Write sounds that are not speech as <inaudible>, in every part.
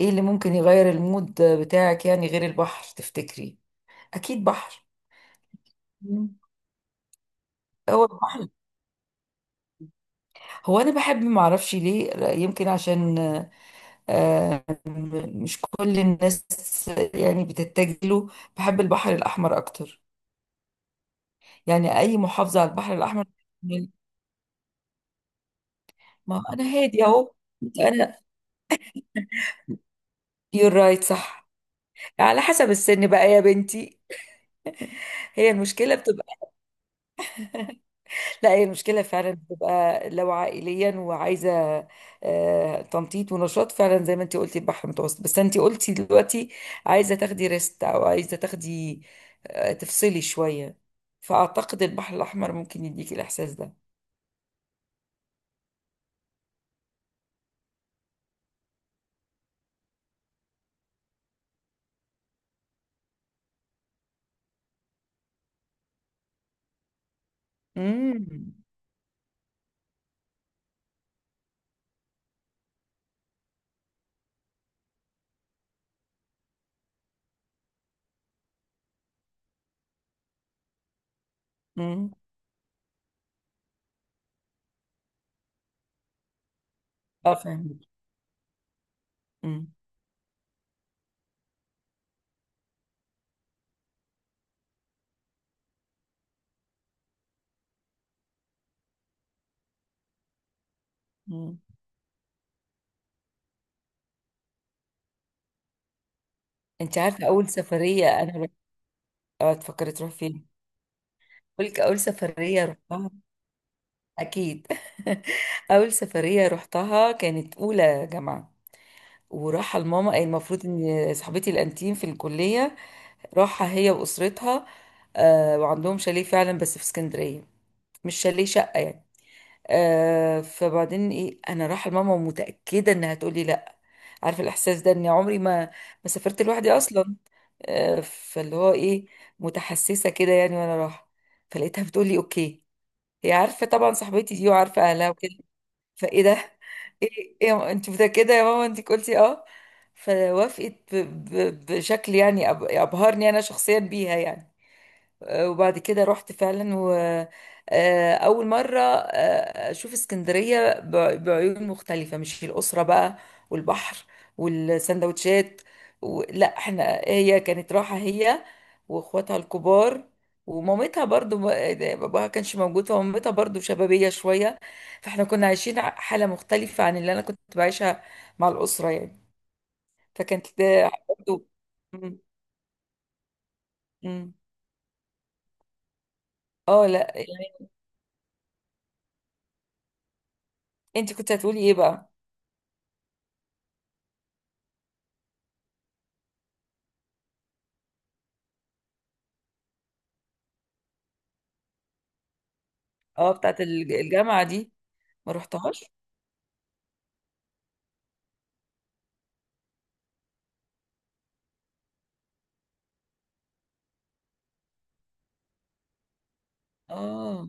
ايه اللي ممكن يغير المود بتاعك؟ يعني غير البحر تفتكري؟ اكيد بحر. مم. هو البحر، هو انا بحب، ما اعرفش ليه، يمكن عشان آه، مش كل الناس يعني بتتجه له. بحب البحر الاحمر اكتر، يعني اي محافظه على البحر الاحمر. ما انا هادي اهو، انا. يور رايت، صح. على حسب السن بقى يا بنتي. هي المشكله. لا، هي المشكلة فعلا بتبقى لو عائليا وعايزة تنطيط ونشاط، فعلا زي ما انت قلتي البحر المتوسط، بس انت قلتي دلوقتي عايزة تاخدي ريست، او عايزة تاخدي تفصلي شوية. فأعتقد البحر الأحمر ممكن يديكي الإحساس ده. امم امم اه فاهمك. امم امم. انت عارفة أول سفرية أنا رحت- اه تفكري تروح فين؟ بقولك أول سفرية رحتها، أكيد. <laughs> أول سفرية رحتها كانت أولى جامعة، وراحة لماما. المفروض ان صاحبتي الانتيم في الكلية راحة هي واسرتها، وعندهم شاليه فعلا بس في اسكندرية. مش شاليه، شقة يعني. فبعدين ايه، انا رايحة لماما ومتأكدة انها تقولي لا، عارفة الاحساس ده، اني عمري ما سافرت لوحدي اصلا. فاللي هو ايه، متحسسة كده يعني وانا رايحة. فلقيتها بتقولي اوكي، هي عارفة طبعا صاحبتي دي، وعارفة اهلها وكده. فايه ده؟ ايه ايه انت متأكدة يا ماما؟ انت قلتي اه؟ فوافقت بشكل يعني ابهرني انا شخصيا بيها يعني. وبعد كده رحت فعلا، وأول مرة أشوف اسكندرية بعيون مختلفة، مش الأسرة بقى، والبحر والسندوتشات لا، احنا هي كانت راحة هي وإخواتها الكبار ومامتها، برضو باباها كانش موجود، فمامتها برضو شبابية شوية. فاحنا كنا عايشين حالة مختلفة عن اللي أنا كنت بعيشها مع الأسرة يعني. فكانت برضو م- م. اه لا يعني. انت كنت هتقولي ايه بقى؟ اه، بتاعت الجامعة دي؟ ما رحتهاش، اه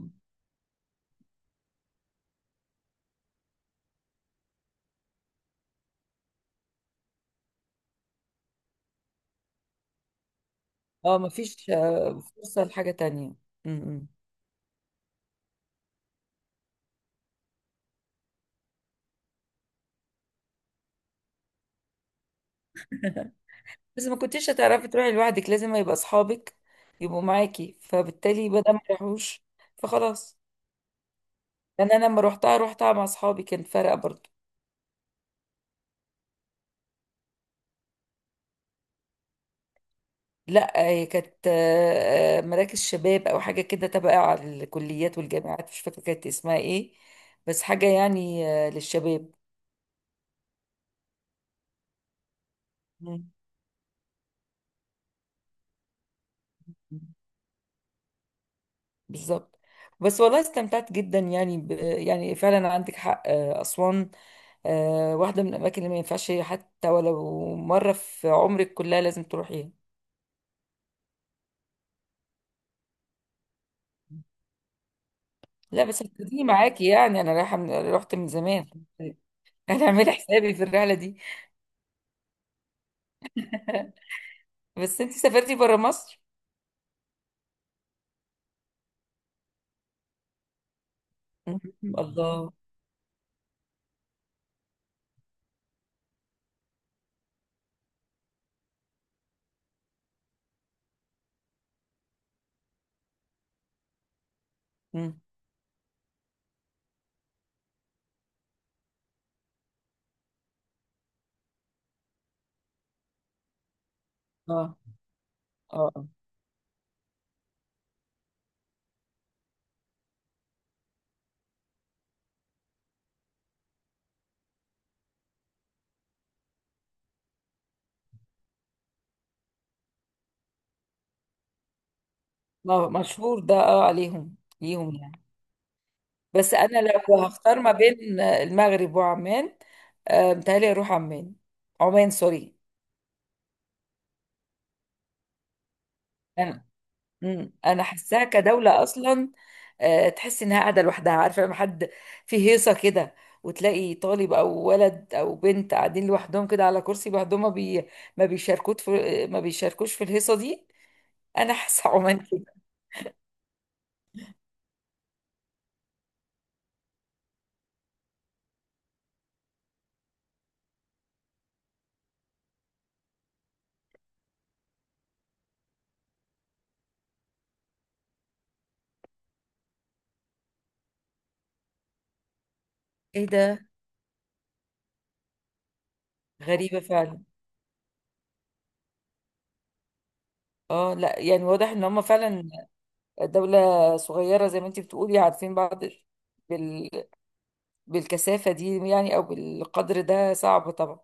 اه. ما فيش فرصة لحاجة تانية. م-م. <laughs> بس ما كنتيش هتعرفي تروحي لوحدك، لازم يبقى اصحابك يبقوا معاكي، فبالتالي بدل ما يروحوش فخلاص. يعني انا لما روحتها، روحتها مع اصحابي، كان فرق برضو. لا، هي كانت مراكز شباب او حاجه كده تبع على الكليات والجامعات، مش فاكره كانت اسمها ايه، بس حاجه يعني للشباب. مم. بالظبط. بس والله استمتعت جدا، يعني يعني فعلا عندك حق. أسوان واحدة من الأماكن اللي ما ينفعش، حتى ولو مرة في عمرك كلها لازم تروحيها. لا بس هتديني معاكي، يعني أنا رايحة رحت من زمان. <laughs> أنا عاملة حسابي في الرحلة دي. <laughs> بس أنت سافرتي برا مصر؟ مم. الله. مم. اه اه. آه، مشهور ده، اه، عليهم ليهم يعني. بس انا لو هختار ما بين المغرب وعمان، متهيألي اروح عمان. عمان سوري، انا. انا حاساها كدولة اصلا، تحس انها قاعدة لوحدها. عارفة لما حد في هيصة كده، وتلاقي طالب او ولد او بنت قاعدين لوحدهم كده على كرسي لوحدهم، ما بيشاركوش في الهيصة دي. انا حاسة <laughs> عمان كده. ايه ده؟ غريبة فعلا. اه لا يعني واضح ان هم فعلا دولة صغيرة زي ما انت بتقولي، عارفين بعض. بالكثافة دي يعني أو بالقدر ده صعب طبعا.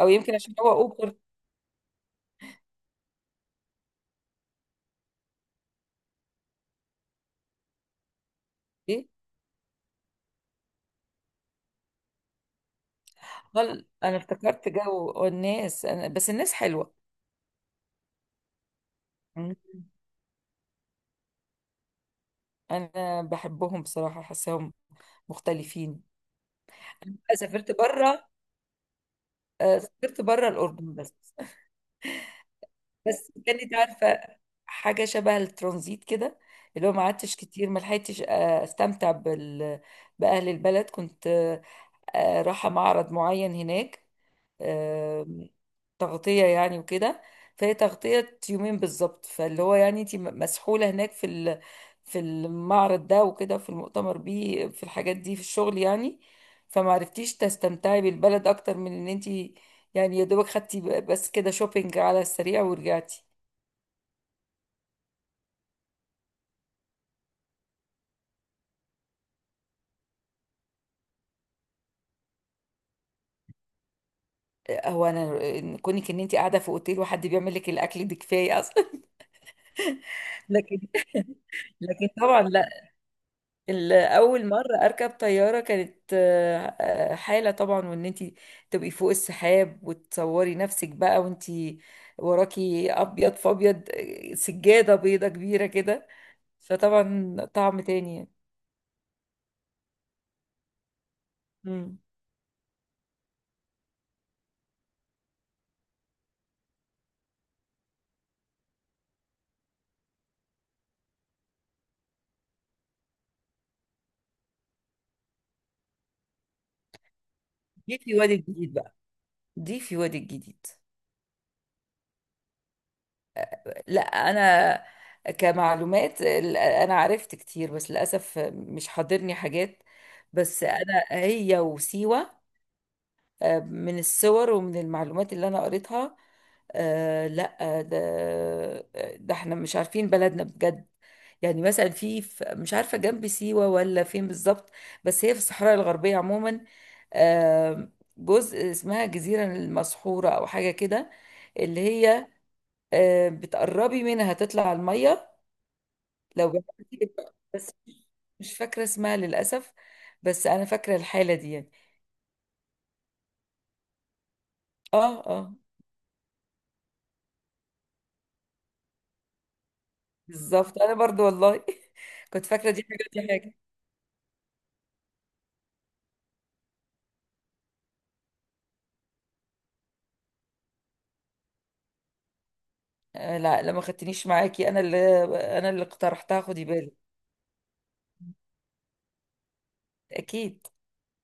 أو يمكن عشان هو أوبر. إيه؟ ضل أنا افتكرت جو الناس، أنا بس الناس حلوة. مم. أنا بحبهم بصراحة، حاساهم مختلفين. أنا بقى سافرت بره، سافرت بره الأردن بس. بس كانت عارفة حاجة شبه الترانزيت كده، اللي هو ما قعدتش كتير، ما لحقتش استمتع بأهل البلد. كنت رايحة معرض معين هناك، آم، تغطية يعني وكده. فهي تغطية يومين بالظبط، فاللي هو يعني انت مسحولة هناك في المعرض ده وكده، في المؤتمر بيه، في الحاجات دي، في الشغل يعني. فمعرفتيش تستمتعي بالبلد اكتر من ان انت يعني يا دوبك خدتي بس كده شوبينج على السريع ورجعتي. هو انا كونك ان انت قاعده في اوتيل وحد بيعمل لك الاكل دي كفايه اصلا. <laughs> لكن، لكن طبعا لا، اول مره اركب طياره كانت حاله طبعا، وان انت تبقي فوق السحاب وتصوري نفسك بقى، وانت وراكي ابيض في ابيض، سجاده بيضه كبيره كده. فطبعا طعم تاني يعني. مم. دي في وادي الجديد بقى، دي في وادي الجديد. لا انا كمعلومات انا عرفت كتير، بس للاسف مش حاضرني حاجات. بس انا هي وسيوه، من الصور ومن المعلومات اللي انا قريتها. آه لا، ده، ده احنا مش عارفين بلدنا بجد. يعني مثلا في مش عارفة جنب سيوة ولا فين بالظبط، بس هي في الصحراء الغربية عموما. آه، جزء اسمها جزيرة المسحورة أو حاجة كده، اللي هي آه بتقربي منها تطلع على المية. لو جربتي. بس مش فاكرة اسمها للأسف، بس أنا فاكرة الحالة دي يعني. اه اه. بالظبط، انا برضو والله <laughs> كنت فاكره دي حاجه دي حاجه. لا لا ما خدتنيش معاكي، انا اللي اقترحتها، خدي بالك. اكيد.